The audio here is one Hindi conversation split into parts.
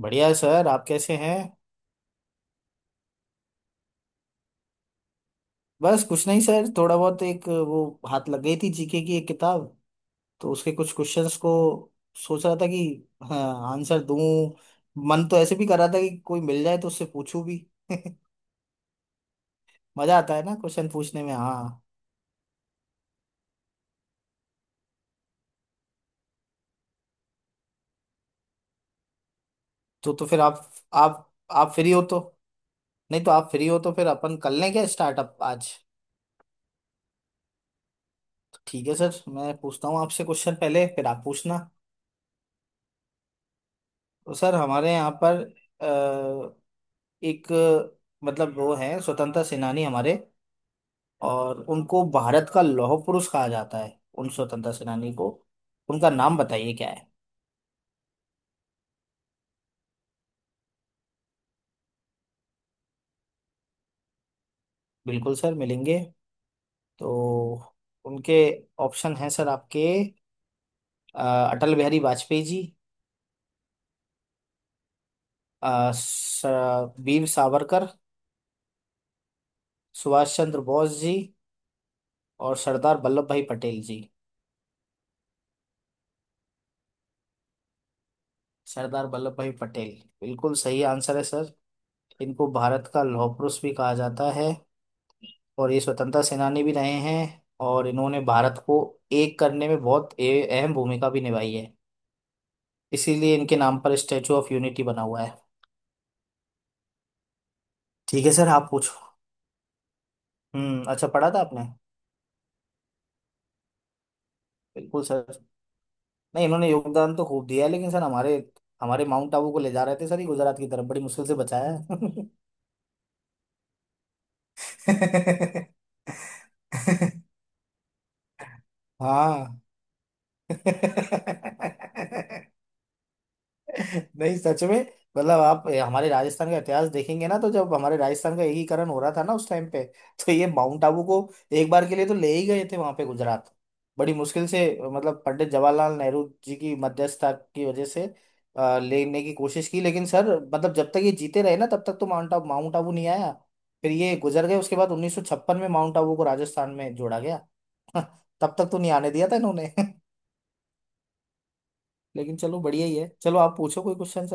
बढ़िया है सर। आप कैसे हैं? बस कुछ नहीं सर, थोड़ा बहुत एक वो हाथ लग गई थी जीके की एक किताब। तो उसके कुछ क्वेश्चंस को सोच रहा था कि हाँ, आंसर दूं। मन तो ऐसे भी कर रहा था कि कोई मिल जाए तो उससे पूछूं भी। मजा आता है ना क्वेश्चन पूछने में, हाँ। तो फिर आप फ्री हो तो, नहीं तो आप फ्री हो तो फिर अपन कर लें क्या स्टार्टअप आज। तो ठीक है सर, मैं पूछता हूँ आपसे क्वेश्चन पहले, फिर आप पूछना। तो सर हमारे यहाँ पर एक, मतलब वो है स्वतंत्रता सेनानी हमारे, और उनको भारत का लौह पुरुष कहा जाता है उन स्वतंत्रता सेनानी को। उनका नाम बताइए क्या है। बिल्कुल सर मिलेंगे। तो उनके ऑप्शन हैं सर आपके। अ, अटल बिहारी वाजपेयी जी। अ, स- वीर सावरकर। सुभाष चंद्र बोस जी। और सरदार वल्लभ भाई पटेल जी। सरदार वल्लभ भाई पटेल बिल्कुल सही आंसर है सर। इनको भारत का लौह पुरुष भी कहा जाता है, और ये स्वतंत्रता सेनानी भी रहे हैं। और इन्होंने भारत को एक करने में बहुत अहम भूमिका भी निभाई है। इसीलिए इनके नाम पर स्टैचू ऑफ यूनिटी बना हुआ है। ठीक है सर आप पूछो। हम्म, अच्छा पढ़ा था आपने। बिल्कुल सर। नहीं इन्होंने योगदान तो खूब दिया है, लेकिन सर हमारे हमारे माउंट आबू को ले जा रहे थे सर ये गुजरात की तरफ, बड़ी मुश्किल से बचाया है। हाँ नहीं सच में, मतलब आप हमारे राजस्थान का इतिहास देखेंगे ना, तो जब हमारे राजस्थान का एकीकरण हो रहा था ना, उस टाइम पे तो ये माउंट आबू को एक बार के लिए तो ले ही गए थे वहां पे, गुजरात। बड़ी मुश्किल से, मतलब पंडित जवाहरलाल नेहरू जी की मध्यस्थता की वजह से लेने की कोशिश की, लेकिन सर मतलब जब तक ये जीते रहे ना, तब तक तो माउंट आबू नहीं आया। फिर ये गुजर गए, उसके बाद 1956 में माउंट आबू को राजस्थान में जोड़ा गया। तब तक तो नहीं आने दिया था इन्होंने लेकिन चलो, बढ़िया ही है। चलो आप पूछो कोई क्वेश्चन।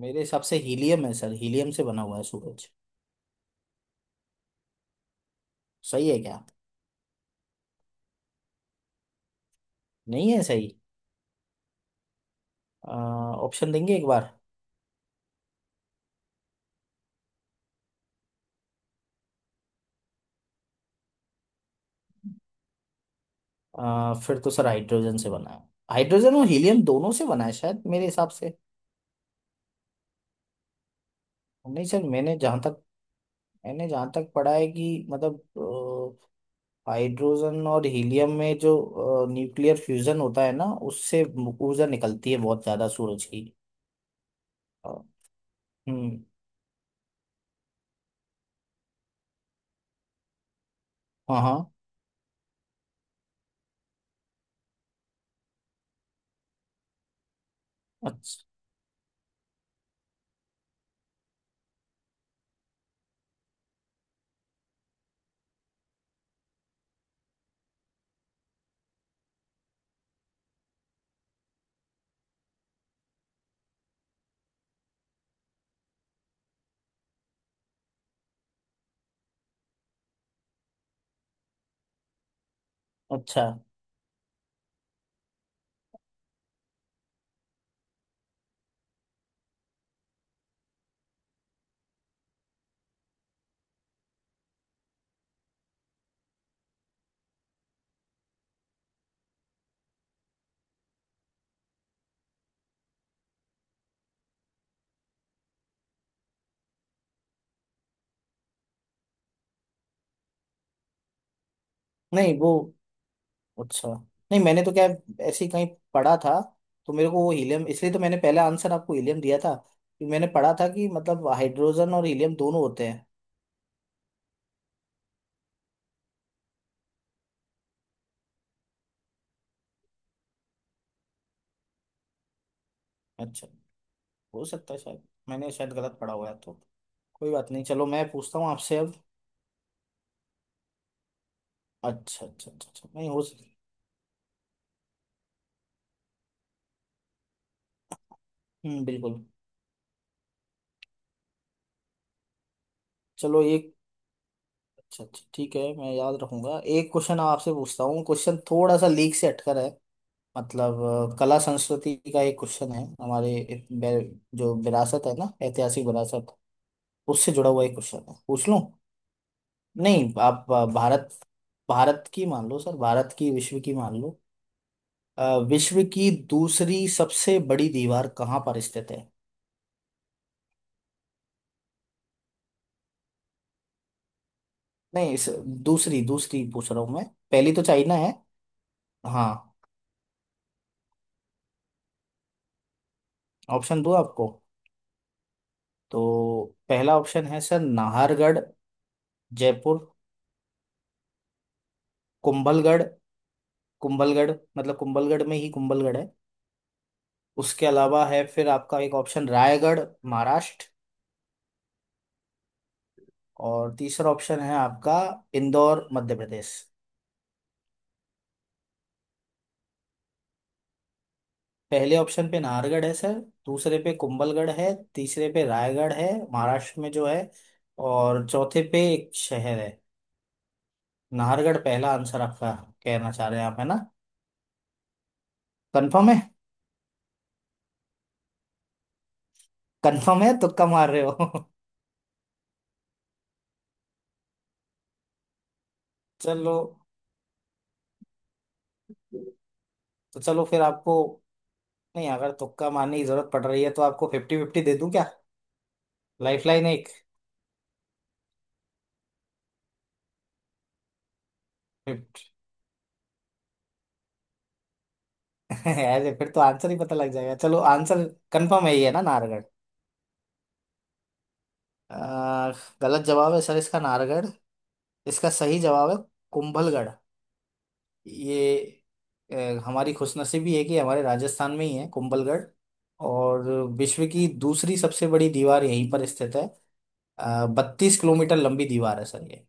मेरे हिसाब से हीलियम है सर, हीलियम से बना हुआ है सूरज। सही है क्या? नहीं है सही? अ, ऑप्शन देंगे एक बार? फिर तो सर हाइड्रोजन से बना है। हाइड्रोजन और हीलियम दोनों से बना है शायद, मेरे हिसाब से। नहीं सर, मैंने जहाँ तक पढ़ा है कि मतलब हाइड्रोजन और हीलियम में जो न्यूक्लियर फ्यूजन होता है ना, उससे ऊर्जा निकलती है बहुत ज्यादा सूरज की। अ, हम्म। हाँ हाँ। अच्छा अच्छा। नहीं वो, अच्छा। नहीं मैंने तो क्या, ऐसे ही कहीं पढ़ा था तो, मेरे को वो हीलियम, इसलिए तो मैंने पहला आंसर आपको हीलियम दिया था, कि मैंने पढ़ा था कि मतलब हाइड्रोजन और हीलियम दोनों होते हैं। अच्छा, हो सकता है शायद मैंने शायद गलत पढ़ा हुआ है, तो कोई बात नहीं। चलो मैं पूछता हूँ आपसे अब। अच्छा अच्छा अच्छा अच्छा, नहीं हो सकता। हम्म, बिल्कुल। चलो एक, अच्छा अच्छा, ठीक है, मैं याद रखूंगा। एक क्वेश्चन आपसे पूछता हूँ, क्वेश्चन थोड़ा सा लीक से हटकर है, मतलब कला संस्कृति का एक क्वेश्चन है। हमारे जो विरासत है ना, ऐतिहासिक विरासत, उससे जुड़ा हुआ एक क्वेश्चन है, पूछ लूं? नहीं आप, भारत भारत की मान लो सर, भारत की, विश्व की मान लो। विश्व की दूसरी सबसे बड़ी दीवार कहाँ पर स्थित है? नहीं इस, दूसरी दूसरी पूछ रहा हूँ मैं। पहली तो चाइना है। हाँ, ऑप्शन दो आपको। तो पहला ऑप्शन है सर, नाहरगढ़ जयपुर। कुंभलगढ़, कुंभलगढ़, मतलब कुंभलगढ़ में ही कुंभलगढ़ है। उसके अलावा है फिर आपका एक ऑप्शन, रायगढ़ महाराष्ट्र। और तीसरा ऑप्शन है आपका, इंदौर मध्य प्रदेश। पहले ऑप्शन पे नाहरगढ़ है सर, दूसरे पे कुंभलगढ़ है, तीसरे पे रायगढ़ है महाराष्ट्र में जो है, और चौथे पे एक शहर है। नाहरगढ़ पहला आंसर आपका, कहना चाह रहे हैं आप, है ना? कंफर्म है? कंफर्म है, तुक्का मार रहे हो? चलो। तो चलो फिर आपको, नहीं, अगर तुक्का मारने की जरूरत पड़ रही है तो आपको 50-50 दे दूं क्या, लाइफलाइन एक, 50? ऐसे फिर तो आंसर ही पता लग जाएगा। चलो, आंसर कंफर्म है ही, है ना नाहरगढ़? आ, गलत जवाब है सर इसका, नाहरगढ़। इसका सही जवाब है कुंभलगढ़। ये अ, हमारी खुशनसीबी है कि हमारे राजस्थान में ही है कुंभलगढ़, और विश्व की दूसरी सबसे बड़ी दीवार यहीं पर स्थित है। 32 किलोमीटर लंबी दीवार है सर ये,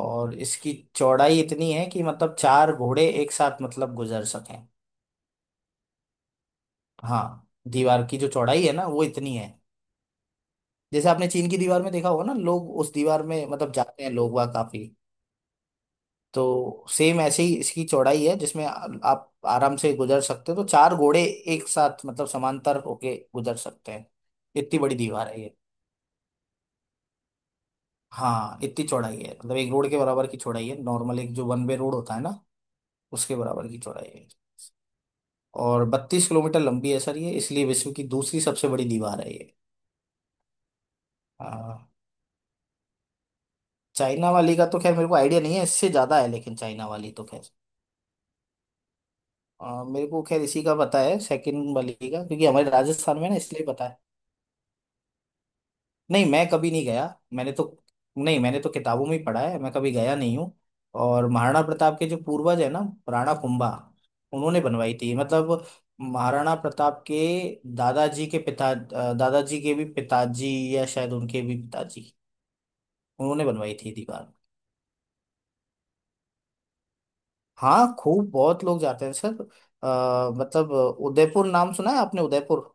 और इसकी चौड़ाई इतनी है कि मतलब चार घोड़े एक साथ मतलब गुजर सकें। हाँ, दीवार की जो चौड़ाई है ना, वो इतनी है। जैसे आपने चीन की दीवार में देखा होगा ना, लोग उस दीवार में मतलब जाते हैं, लोग वहाँ काफी। तो सेम ऐसे ही इसकी चौड़ाई है, जिसमें आप आराम से गुजर सकते हो, तो चार घोड़े एक साथ मतलब समांतर होके गुजर सकते हैं, इतनी बड़ी दीवार है ये। हाँ इतनी चौड़ाई है, मतलब एक रोड के बराबर की चौड़ाई है, नॉर्मल एक जो वन वे रोड होता है ना, उसके बराबर की चौड़ाई है। और 32 किलोमीटर लंबी है सर ये, इसलिए विश्व की दूसरी सबसे बड़ी दीवार है ये। हाँ। चाइना वाली का तो खैर मेरे को आइडिया नहीं है, इससे ज्यादा है, लेकिन चाइना वाली तो खैर, मेरे को खैर इसी का पता है, सेकंड वाली का, क्योंकि हमारे राजस्थान में ना, इसलिए पता है। नहीं मैं कभी नहीं गया। मैंने तो नहीं, मैंने तो किताबों में ही पढ़ा है, मैं कभी गया नहीं हूँ। और महाराणा प्रताप के जो पूर्वज है ना, राणा कुंभा, उन्होंने बनवाई थी मतलब। महाराणा प्रताप के दादाजी के पिता, दादाजी के भी पिताजी, या शायद उनके भी पिताजी, उन्होंने बनवाई थी दीवार। हाँ खूब, बहुत लोग जाते हैं सर। मतलब उदयपुर नाम सुना है आपने, उदयपुर?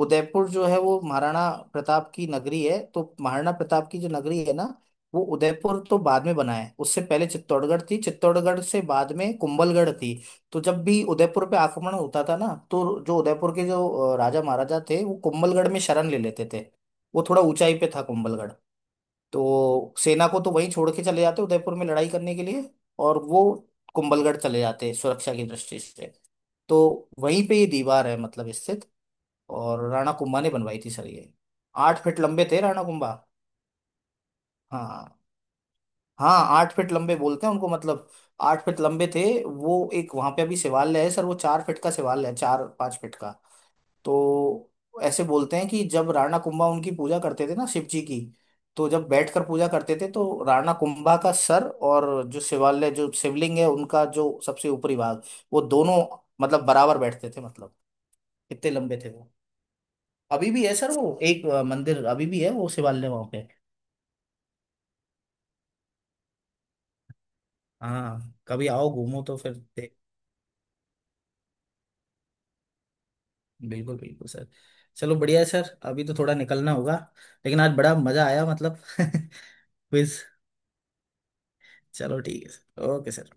उदयपुर जो है वो महाराणा प्रताप की नगरी है, तो महाराणा प्रताप की जो नगरी है ना, वो उदयपुर तो बाद में बना है, उससे पहले चित्तौड़गढ़ थी, चित्तौड़गढ़ से बाद में कुंभलगढ़ थी। तो जब भी उदयपुर पे आक्रमण होता था ना, तो जो उदयपुर के जो राजा महाराजा थे, वो कुंभलगढ़ में शरण ले लेते थे। वो थोड़ा ऊंचाई पे था कुंभलगढ़। तो सेना को तो वहीं छोड़ के चले जाते उदयपुर में लड़ाई करने के लिए, और वो कुंभलगढ़ चले जाते सुरक्षा की दृष्टि से। तो वहीं पे ये दीवार है मतलब, इससे, और राणा कुंभा ने बनवाई थी सर ये। 8 फीट लंबे थे राणा कुंभा। हाँ हाँ, 8 फीट लंबे बोलते हैं उनको, मतलब 8 फीट लंबे थे वो। एक वहां पे अभी शिवालय है सर, वो 4 फीट का शिवालय है, 4-5 फीट का। तो ऐसे बोलते हैं कि जब राणा कुंभा उनकी पूजा करते थे ना, शिव जी की, तो जब बैठकर पूजा करते थे तो राणा कुंभा का सर, और जो शिवालय, जो शिवलिंग है उनका, जो सबसे ऊपरी भाग, वो दोनों मतलब बराबर बैठते थे, मतलब इतने लंबे थे वो। अभी भी है सर वो एक मंदिर, अभी भी है वो शिवालय वहां पे। हाँ कभी आओ घूमो तो फिर देख। बिल्कुल बिल्कुल सर। चलो बढ़िया है सर, अभी तो थोड़ा निकलना होगा, लेकिन आज बड़ा मजा आया मतलब क्विज, चलो ठीक है सर, ओके सर।